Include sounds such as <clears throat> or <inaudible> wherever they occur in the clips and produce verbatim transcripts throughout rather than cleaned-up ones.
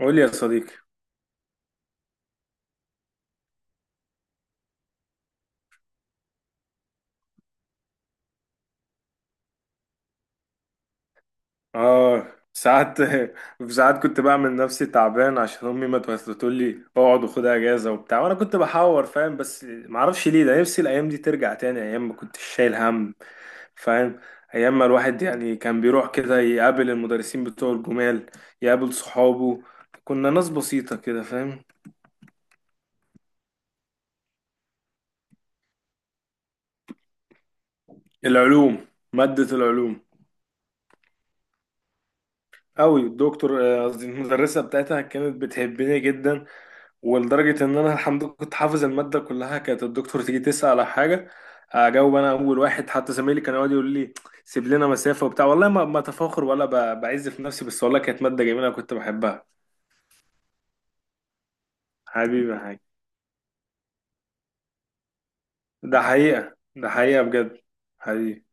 قول لي يا صديقي. اه. ساعات <laughs> في ساعات كنت بعمل نفسي تعبان عشان امي ما تقول لي اقعد وخد اجازه وبتاع، وانا كنت بحاور، فاهم؟ بس ما اعرفش ليه، ده نفسي الايام دي ترجع تاني، ايام ما كنتش شايل هم، فاهم؟ ايام ما الواحد يعني كان بيروح كده يقابل المدرسين بتوع الجمال، يقابل صحابه. كنا ناس بسيطه كده، فاهم؟ العلوم، ماده العلوم. قوي. الدكتور، آه، قصدي المدرسه بتاعتها كانت بتحبني جدا. ولدرجة إن أنا الحمد لله كنت حافظ المادة كلها، كانت الدكتور تيجي تسأل على حاجة، أجاوب أنا أول واحد، حتى زمايلي كانوا يقعدوا يقولوا لي سيب لنا مسافة وبتاع. والله ما ما أتفاخر ولا ب- بعز في نفسي، بس والله كانت مادة جميلة كنت بحبها. حبيبي يا حاج. ده حقيقة، ده حقيقة بجد. حقيقي.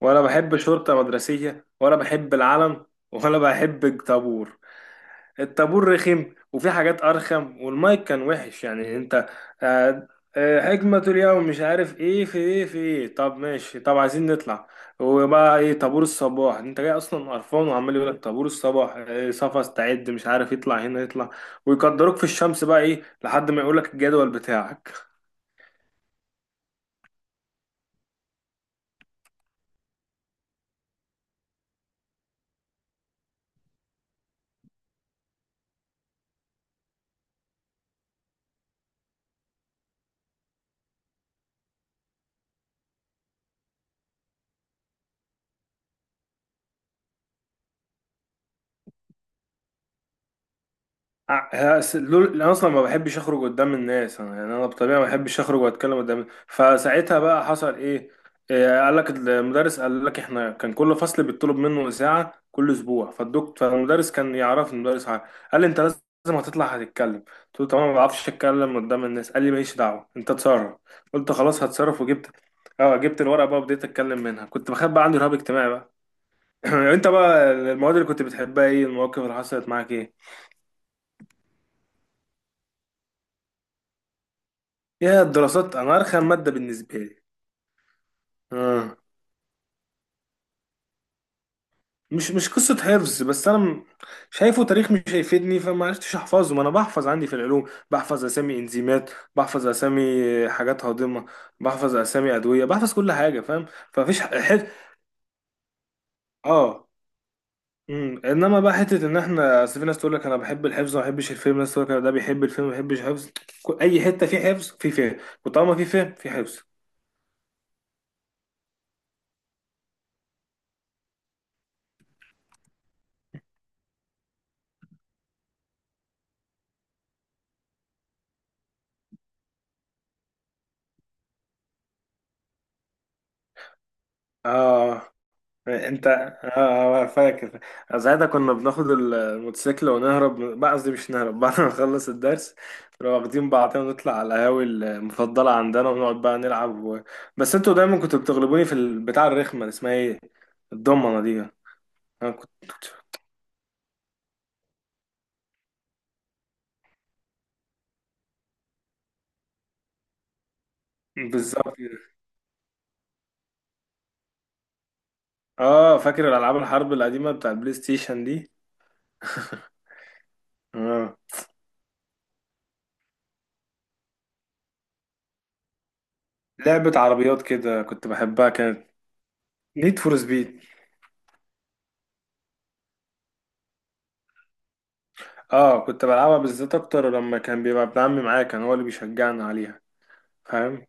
ولا بحب شرطة مدرسية، ولا بحب العلم، ولا بحب الطابور. الطابور رخم، وفي حاجات ارخم، والمايك كان وحش، يعني انت. آه. آه، حكمة اليوم مش عارف ايه، في ايه، في ايه، طب ماشي، طب عايزين نطلع. وبقى ايه طابور الصباح، انت جاي اصلا قرفان وعمال يقول لك طابور الصباح إيه صفا استعد مش عارف، يطلع هنا يطلع، ويقدروك في الشمس بقى ايه لحد ما يقول لك الجدول بتاعك. ع- هس- لول- انا اصلا ما بحبش اخرج قدام الناس، انا يعني انا بطبيعه ما بحبش اخرج واتكلم قدام، فساعتها بقى حصل ايه. إيه، قال لك المدرس، قال لك احنا كان كل فصل بيطلب منه ساعه كل اسبوع، فالدكتور فالمدرس كان يعرف، المدرس عارف. قال لي انت لازم هتطلع هتتكلم. قلت له تمام ما بعرفش اتكلم قدام الناس. قال لي ماليش دعوه انت اتصرف. قلت خلاص هتصرف، وجبت اه جبت الورقه بقى وبديت اتكلم منها، كنت بخاف بقى، عندي رهاب اجتماعي بقى. <laughs> <clears throat> انت بقى المواد اللي كنت بتحبها ايه، المواقف اللي حصلت معاك ايه؟ يا الدراسات انا ارخم ماده بالنسبه لي. آه. مش مش قصه حفظ، بس انا م- شايفه تاريخ مش هيفيدني، فما عرفتش احفظه. ما انا بحفظ، عندي في العلوم بحفظ اسامي انزيمات، بحفظ اسامي حاجات هاضمه، بحفظ اسامي ادويه، بحفظ كل حاجه، فاهم؟ فمفيش حد. اه. امم انما بقى حته ان احنا، اصل في ناس تقول لك انا بحب الحفظ وما بحبش الفيلم، ناس تقول لك أنا ده بيحب الفيلم ما بيحبش الحفظ، ك- اي حته في حفظ في فهم. وطالما في فهم في حفظ. اه. انت اه آه، فاكر. ساعتها كنا بناخد الموتوسيكل ونهرب من- بقى، قصدي مش نهرب، <laughs> بعد ما نخلص الدرس نبقى واخدين بعضنا ونطلع على القهاوي المفضلة عندنا، ونقعد بقى نلعب و... بس انتوا دايما كنتوا بتغلبوني في البتاع الرخمة اللي اسمها ايه، الضمنة دي. انا كنت. بالظبط كده. اه، فاكر الالعاب الحرب القديمة بتاع البلاي ستيشن دي. اه، لعبة عربيات كده كنت بحبها، كانت. نيد فور سبيد. اه، كنت بلعبها بالذات اكتر لما كان بيبقى ابن عمي معايا، كان هو اللي بيشجعنا عليها. فاهم.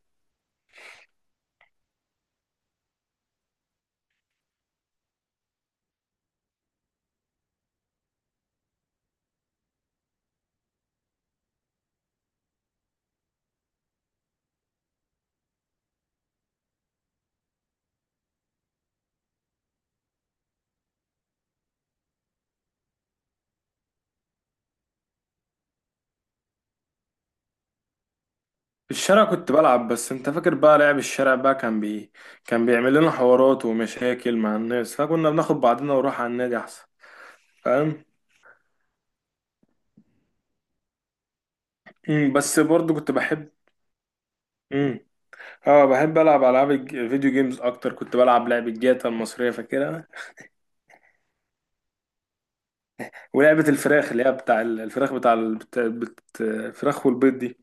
في الشارع كنت بلعب، بس انت فاكر بقى لعب الشارع بقى كان بي كان بيعمل لنا حوارات ومشاكل مع الناس، فكنا بناخد بعضنا ونروح على النادي احسن. فاهم. مم، بس برضو كنت بحب. امم اه، بحب العب العاب الج- فيديو جيمز اكتر، كنت بلعب لعبة جاتا المصرية، فاكرها؟ ولعبة الفراخ اللي هي بتاع ال- الفراخ بتاع ال- بت... بت... الفراخ والبيض دي.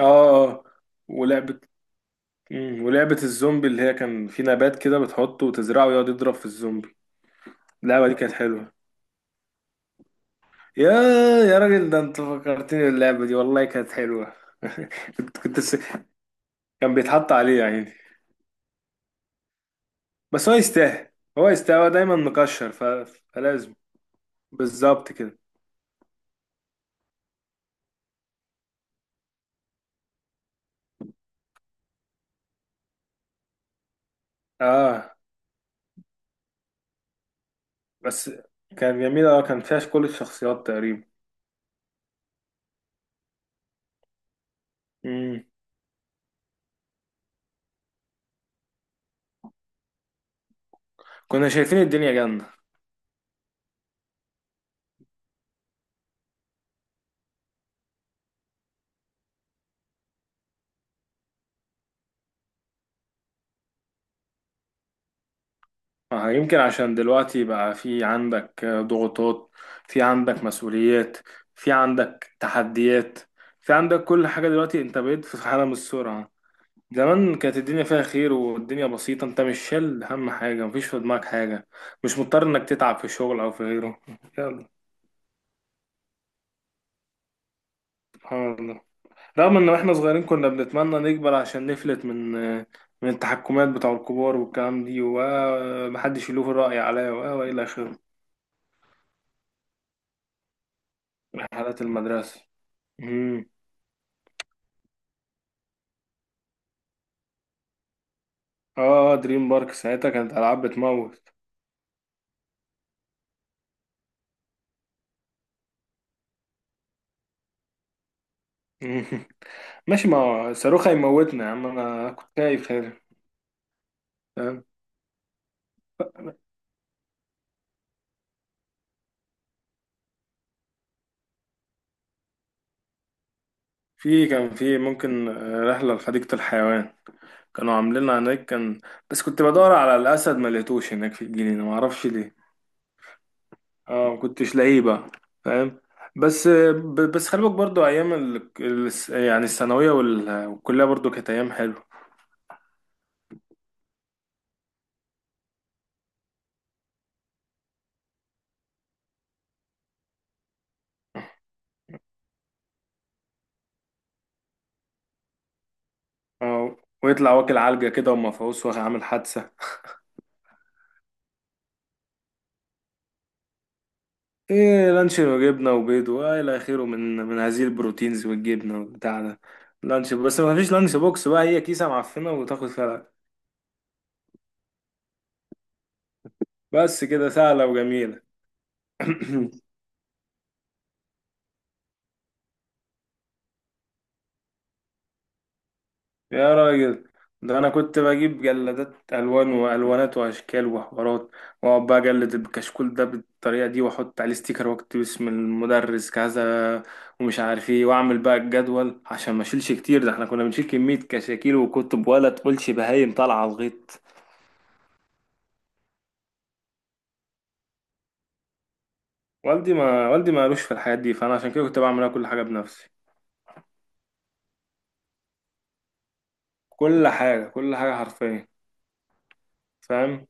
اه، اه، آه. ولعبة. مم، ولعبة الزومبي اللي هي كان في نبات كده بتحطه وتزرعه ويقعد يضرب في الزومبي. اللعبة دي كانت حلوة. يا يا راجل ده انت فكرتني اللعبة دي، والله كانت حلوة. <laughs> كنت كنت س... كان بيتحط عليه يعني. بس هو يستاهل، هو يستاهل، هو دايما مكشر ف... فلازم بالظبط كده. اه، بس كان جميل، اه، كان فيها كل الشخصيات تقريبا. مم. كنا شايفين الدنيا جنة. آه، يمكن عشان دلوقتي بقى في عندك ضغوطات، في عندك مسؤوليات، في عندك تحديات، في عندك كل حاجة. دلوقتي انت بقيت في عالم السرعة. زمان كانت الدنيا فيها خير، والدنيا بسيطة، انت مش شايل هم حاجة، مفيش في دماغك حاجة، مش مضطر انك تتعب في الشغل او في غيره. يلا. سبحان الله، رغم ان واحنا صغيرين كنا بنتمنى نكبر عشان نفلت من من التحكمات بتاع الكبار والكلام دي، ومحدش يلوه الرأي عليا و- والى اخره. من حالات المدرسة. امم اه، دريم بارك، ساعتها كانت العاب بتموت. <laughs> ماشي ما هو صاروخ هيموتنا يا عم، انا كنت خايف، خير. في كان في ممكن، آه، رحلة لحديقة الحيوان، كانوا عاملينها هناك. كان. بس كنت بدور على الأسد ما لقيتوش هناك في الجنينة، ما أعرفش ليه. اه، ما كنتش لاقيه بقى. فاهم. بس ب- بس خلي بالك برضه أيام ال... ال- يعني الثانوية وال- والكلية برضه كانت أيام حلوة. اه، ويطلع واكل علجة كده ومفعوص وعامل حادثة. ايه، لانش وجبنة وبيض وإلى آخره، من من هذه البروتينز والجبنة والبتاع ده. لانش بس ما فيش لانش بوكس بقى، هي كيسة معفنة وتاخد فيها. بس كده سهلة وجميلة. <clears throat> يا راجل، ده أنا كنت بجيب جلادات ألوان وألوانات وأشكال وحوارات، وأقعد بقى أجلد الكشكول ده بالطريقة دي، وأحط عليه ستيكر وأكتب اسم المدرس كذا، ومش عارف إيه، وأعمل بقى الجدول عشان ما أشيلش كتير، ده إحنا كنا بنشيل كمية كشاكيل وكتب ولا تقولش بهايم طالعة على الغيط. والدي ما والدي ما قالوش في الحاجات دي، فأنا عشان كده كنت بعملها كل حاجة بنفسي. كل حاجة، كل حاجة حرفيا. فاهم.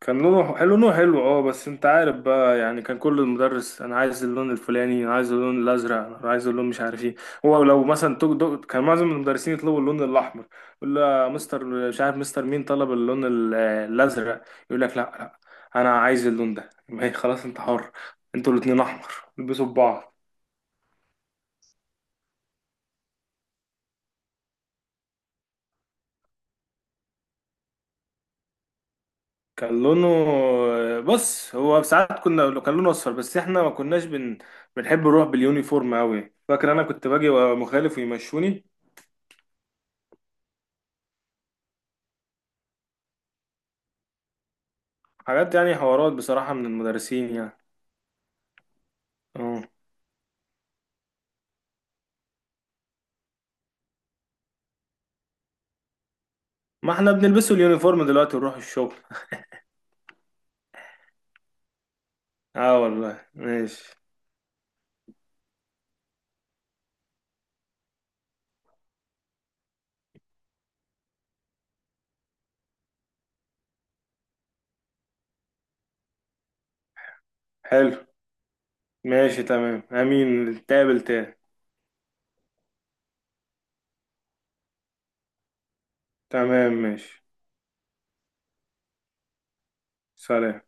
كان لونه حلو، لونه حلو. اه، بس انت عارف بقى، يعني كان كل المدرس انا عايز اللون الفلاني، انا عايز اللون الازرق، انا عايز اللون مش عارف ايه. هو لو مثلا توك دوك كان معظم المدرسين يطلبوا اللون الاحمر، يقول له مستر مش عارف مستر مين طلب اللون ال- الازرق. يقول لك لا، لا، انا عايز اللون ده. ما هي خلاص انت حر. انتوا الاتنين احمر، البسوا ببعض. كان لونه بص، هو ساعات كنا كان لونه اصفر، بس احنا ما كناش بن... بنحب نروح باليونيفورم قوي. فاكر انا كنت باجي وأبقى مخالف ويمشوني. حاجات يعني، حوارات بصراحة من المدرسين يعني. اه. ما احنا بنلبسه اليونيفورم دلوقتي ونروح الشغل. اه والله ماشي. حلو. ماشي تمام، امين نتقابل تاني. تمام ماشي. سلام.